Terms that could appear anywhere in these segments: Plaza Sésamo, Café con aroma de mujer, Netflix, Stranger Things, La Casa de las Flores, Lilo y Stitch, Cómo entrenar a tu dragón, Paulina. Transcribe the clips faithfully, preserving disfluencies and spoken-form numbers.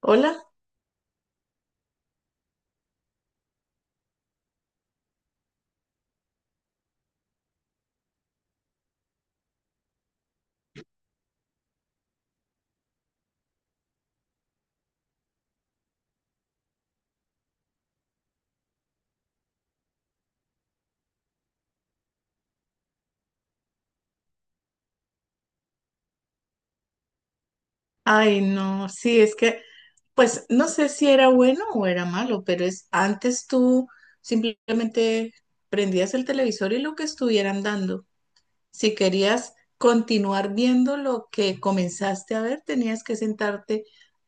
Hola. Ay, no, sí, es que, pues no sé si era bueno o era malo, pero es antes tú simplemente prendías el televisor y lo que estuvieran dando. Si querías continuar viendo lo que comenzaste a ver, tenías que sentarte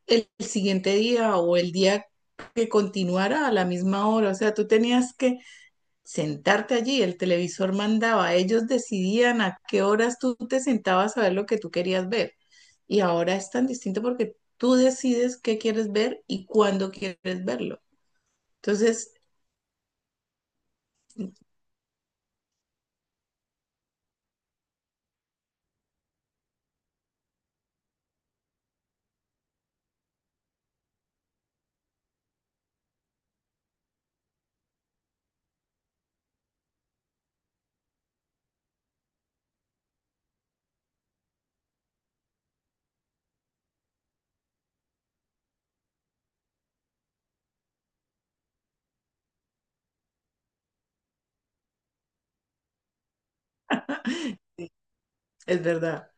el siguiente día o el día que continuara a la misma hora. O sea, tú tenías que sentarte allí. El televisor mandaba, ellos decidían a qué horas tú te sentabas a ver lo que tú querías ver. Y ahora es tan distinto porque tú decides qué quieres ver y cuándo quieres verlo. Entonces, es verdad.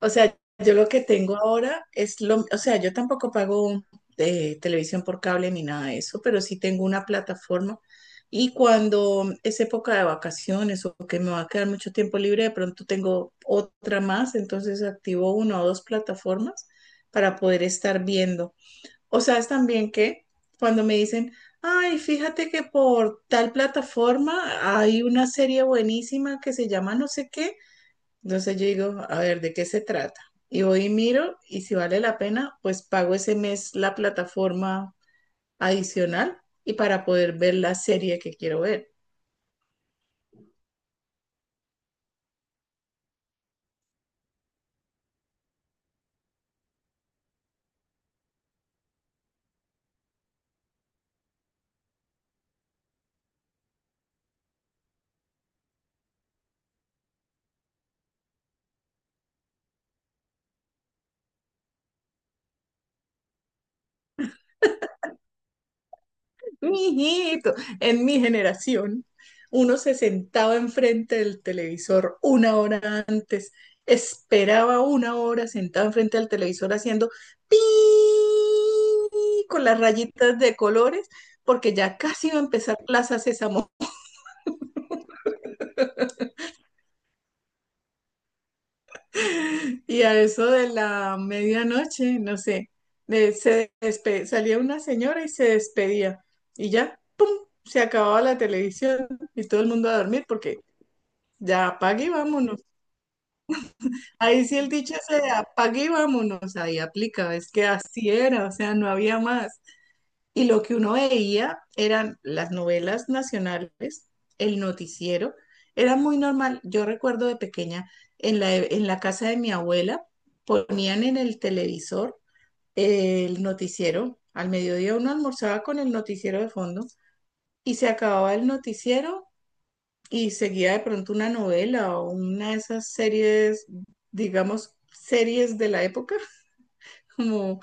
O sea, yo lo que tengo ahora es lo, o sea, yo tampoco pago eh, televisión por cable ni nada de eso, pero sí tengo una plataforma. Y cuando es época de vacaciones o que me va a quedar mucho tiempo libre, de pronto tengo otra más, entonces activo una o dos plataformas para poder estar viendo. O sea, es también que cuando me dicen, ay, fíjate que por tal plataforma hay una serie buenísima que se llama no sé qué, entonces yo digo, a ver, ¿de qué se trata? Y voy y miro y si vale la pena, pues pago ese mes la plataforma adicional y para poder ver la serie que quiero ver. Mijito, en mi generación, uno se sentaba enfrente del televisor una hora, antes, esperaba una hora sentado enfrente del televisor haciendo pi con las rayitas de colores, porque ya casi iba a empezar Plaza Sésamo. Y a eso de la medianoche, no sé, de- se despe- salía una señora y se despedía. Y ya, ¡pum! Se acababa la televisión y todo el mundo a dormir porque ya apague y vámonos. Ahí sí el dicho se de apague y vámonos, ahí aplica, es que así era, o sea, no había más. Y lo que uno veía eran las novelas nacionales, el noticiero. Era muy normal. Yo recuerdo de pequeña, en la, en la casa de mi abuela, ponían en el televisor eh, el noticiero. Al mediodía uno almorzaba con el noticiero de fondo y se acababa el noticiero y seguía de pronto una novela o una de esas series, digamos, series de la época, como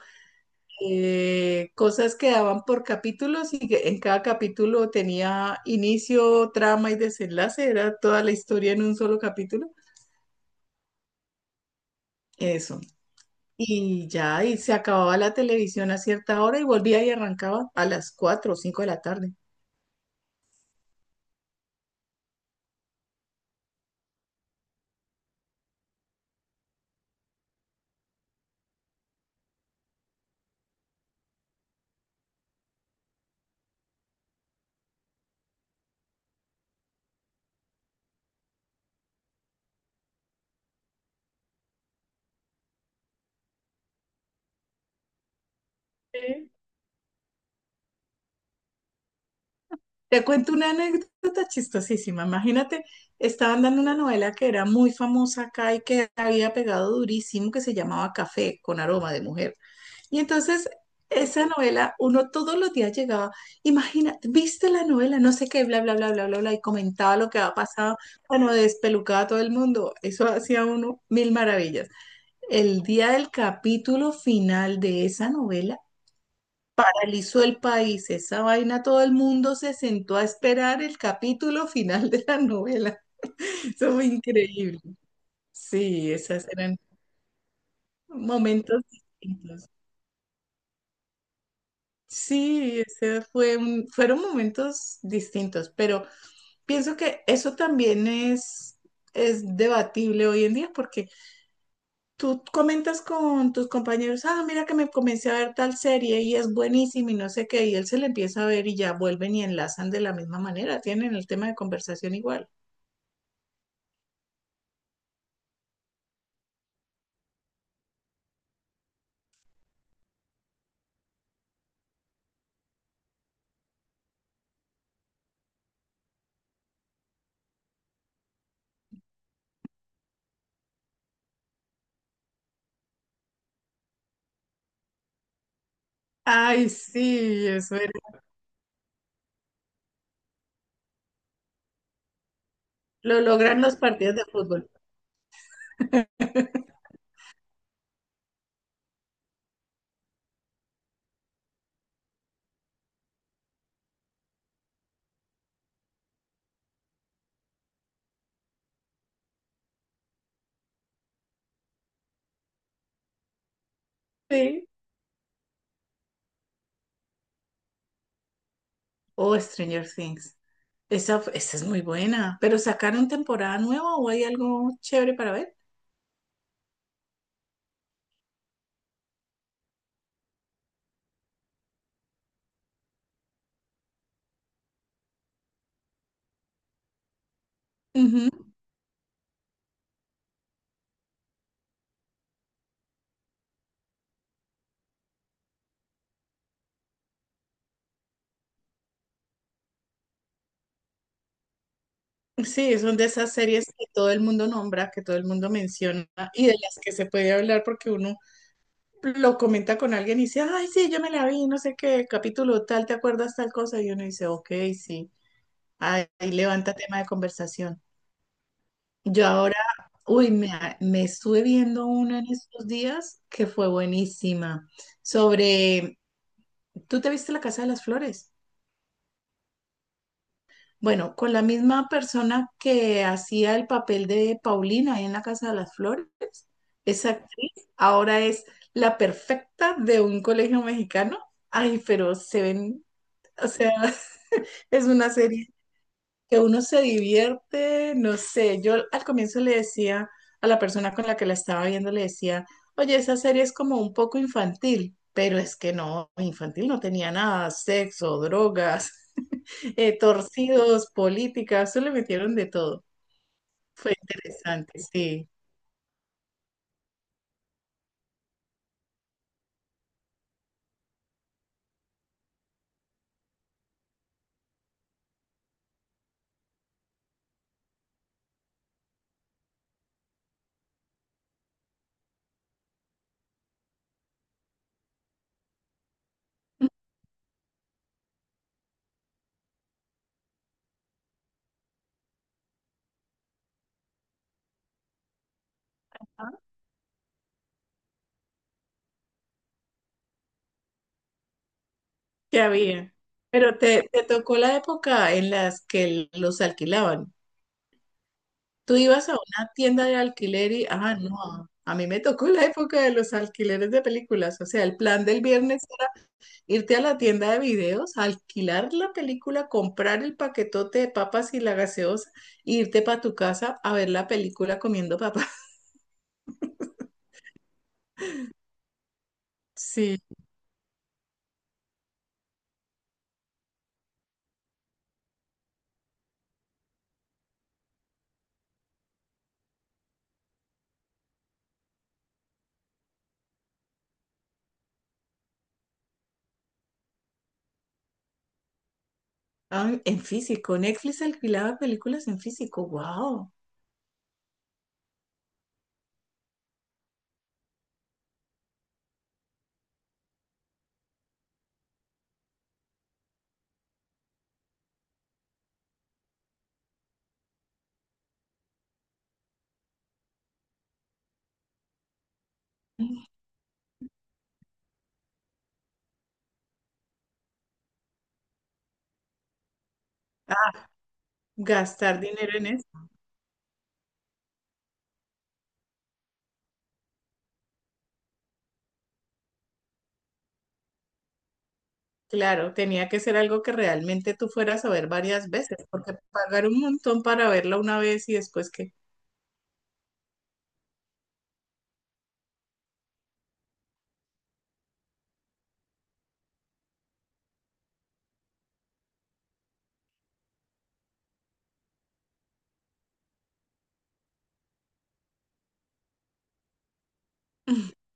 eh, cosas que daban por capítulos y que en cada capítulo tenía inicio, trama y desenlace, era toda la historia en un solo capítulo. Eso. Y ya, y se acababa la televisión a cierta hora y volvía y arrancaba a las cuatro o cinco de la tarde. Sí. Te cuento una anécdota chistosísima. Imagínate, estaban dando una novela que era muy famosa acá y que había pegado durísimo, que se llamaba Café con aroma de mujer. Y entonces esa novela, uno todos los días llegaba, imagina, viste la novela, no sé qué, bla, bla, bla, bla, bla, bla, y comentaba lo que había pasado, bueno, despelucaba a todo el mundo, eso hacía uno mil maravillas. El día del capítulo final de esa novela, paralizó el país, esa vaina, todo el mundo se sentó a esperar el capítulo final de la novela. Eso fue increíble. Sí, esas eran momentos distintos. Sí, ese fue un- fueron momentos distintos, pero pienso que eso también es, es debatible hoy en día porque tú comentas con tus compañeros, ah, mira que me comencé a ver tal serie y es buenísima y no sé qué, y él se la empieza a ver y ya vuelven y enlazan de la misma manera, tienen el tema de conversación igual. Ay, sí, eso era. Lo logran los partidos de fútbol. Sí. O Stranger Things. Esa, fu- esa es muy buena. ¿Pero sacaron temporada nueva o hay algo chévere para ver? Ujú. Sí, es una de esas series que todo el mundo nombra, que todo el mundo menciona y de las que se puede hablar porque uno lo comenta con alguien y dice, ay, sí, yo me la vi, no sé qué, capítulo tal, ¿te acuerdas tal cosa? Y uno dice, ok, sí, ahí levanta tema de conversación. Yo ahora, uy, me, me estuve viendo una en estos días que fue buenísima, sobre, ¿tú te viste La Casa de las Flores? Bueno, con la misma persona que hacía el papel de Paulina ahí en la Casa de las Flores, esa actriz ahora es la perfecta de un colegio mexicano. Ay, pero se ven, o sea, es una serie que uno se divierte, no sé, yo al comienzo le decía a la persona con la que la estaba viendo, le decía, oye, esa serie es como un poco infantil, pero es que no, infantil no tenía nada, sexo, drogas eh, torcidos, políticas, se le metieron de todo. Fue interesante, sí, que había. Pero te, te tocó la época en las que los alquilaban. Tú ibas a una tienda de alquiler y, ah, no, a mí me tocó la época de los alquileres de películas. O sea, el plan del viernes, irte a la tienda de videos, alquilar la película, comprar el paquetote de papas y la gaseosa, e irte para tu casa a ver la película comiendo papas. Sí. Ah, en físico. Netflix alquilaba películas en físico. ¡Wow! Gastar dinero en eso. Claro, tenía que ser algo que realmente tú fueras a ver varias veces, porque pagar un montón para verla una vez y después que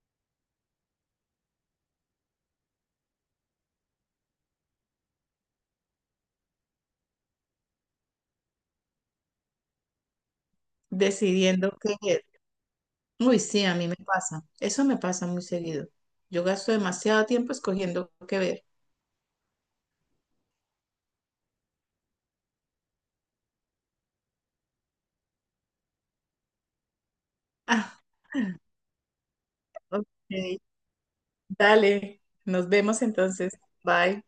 decidiendo qué ver. Uy, sí, a mí me pasa. Eso me pasa muy seguido. Yo gasto demasiado tiempo escogiendo qué ver. Ah, ok. Dale, nos vemos entonces. Bye.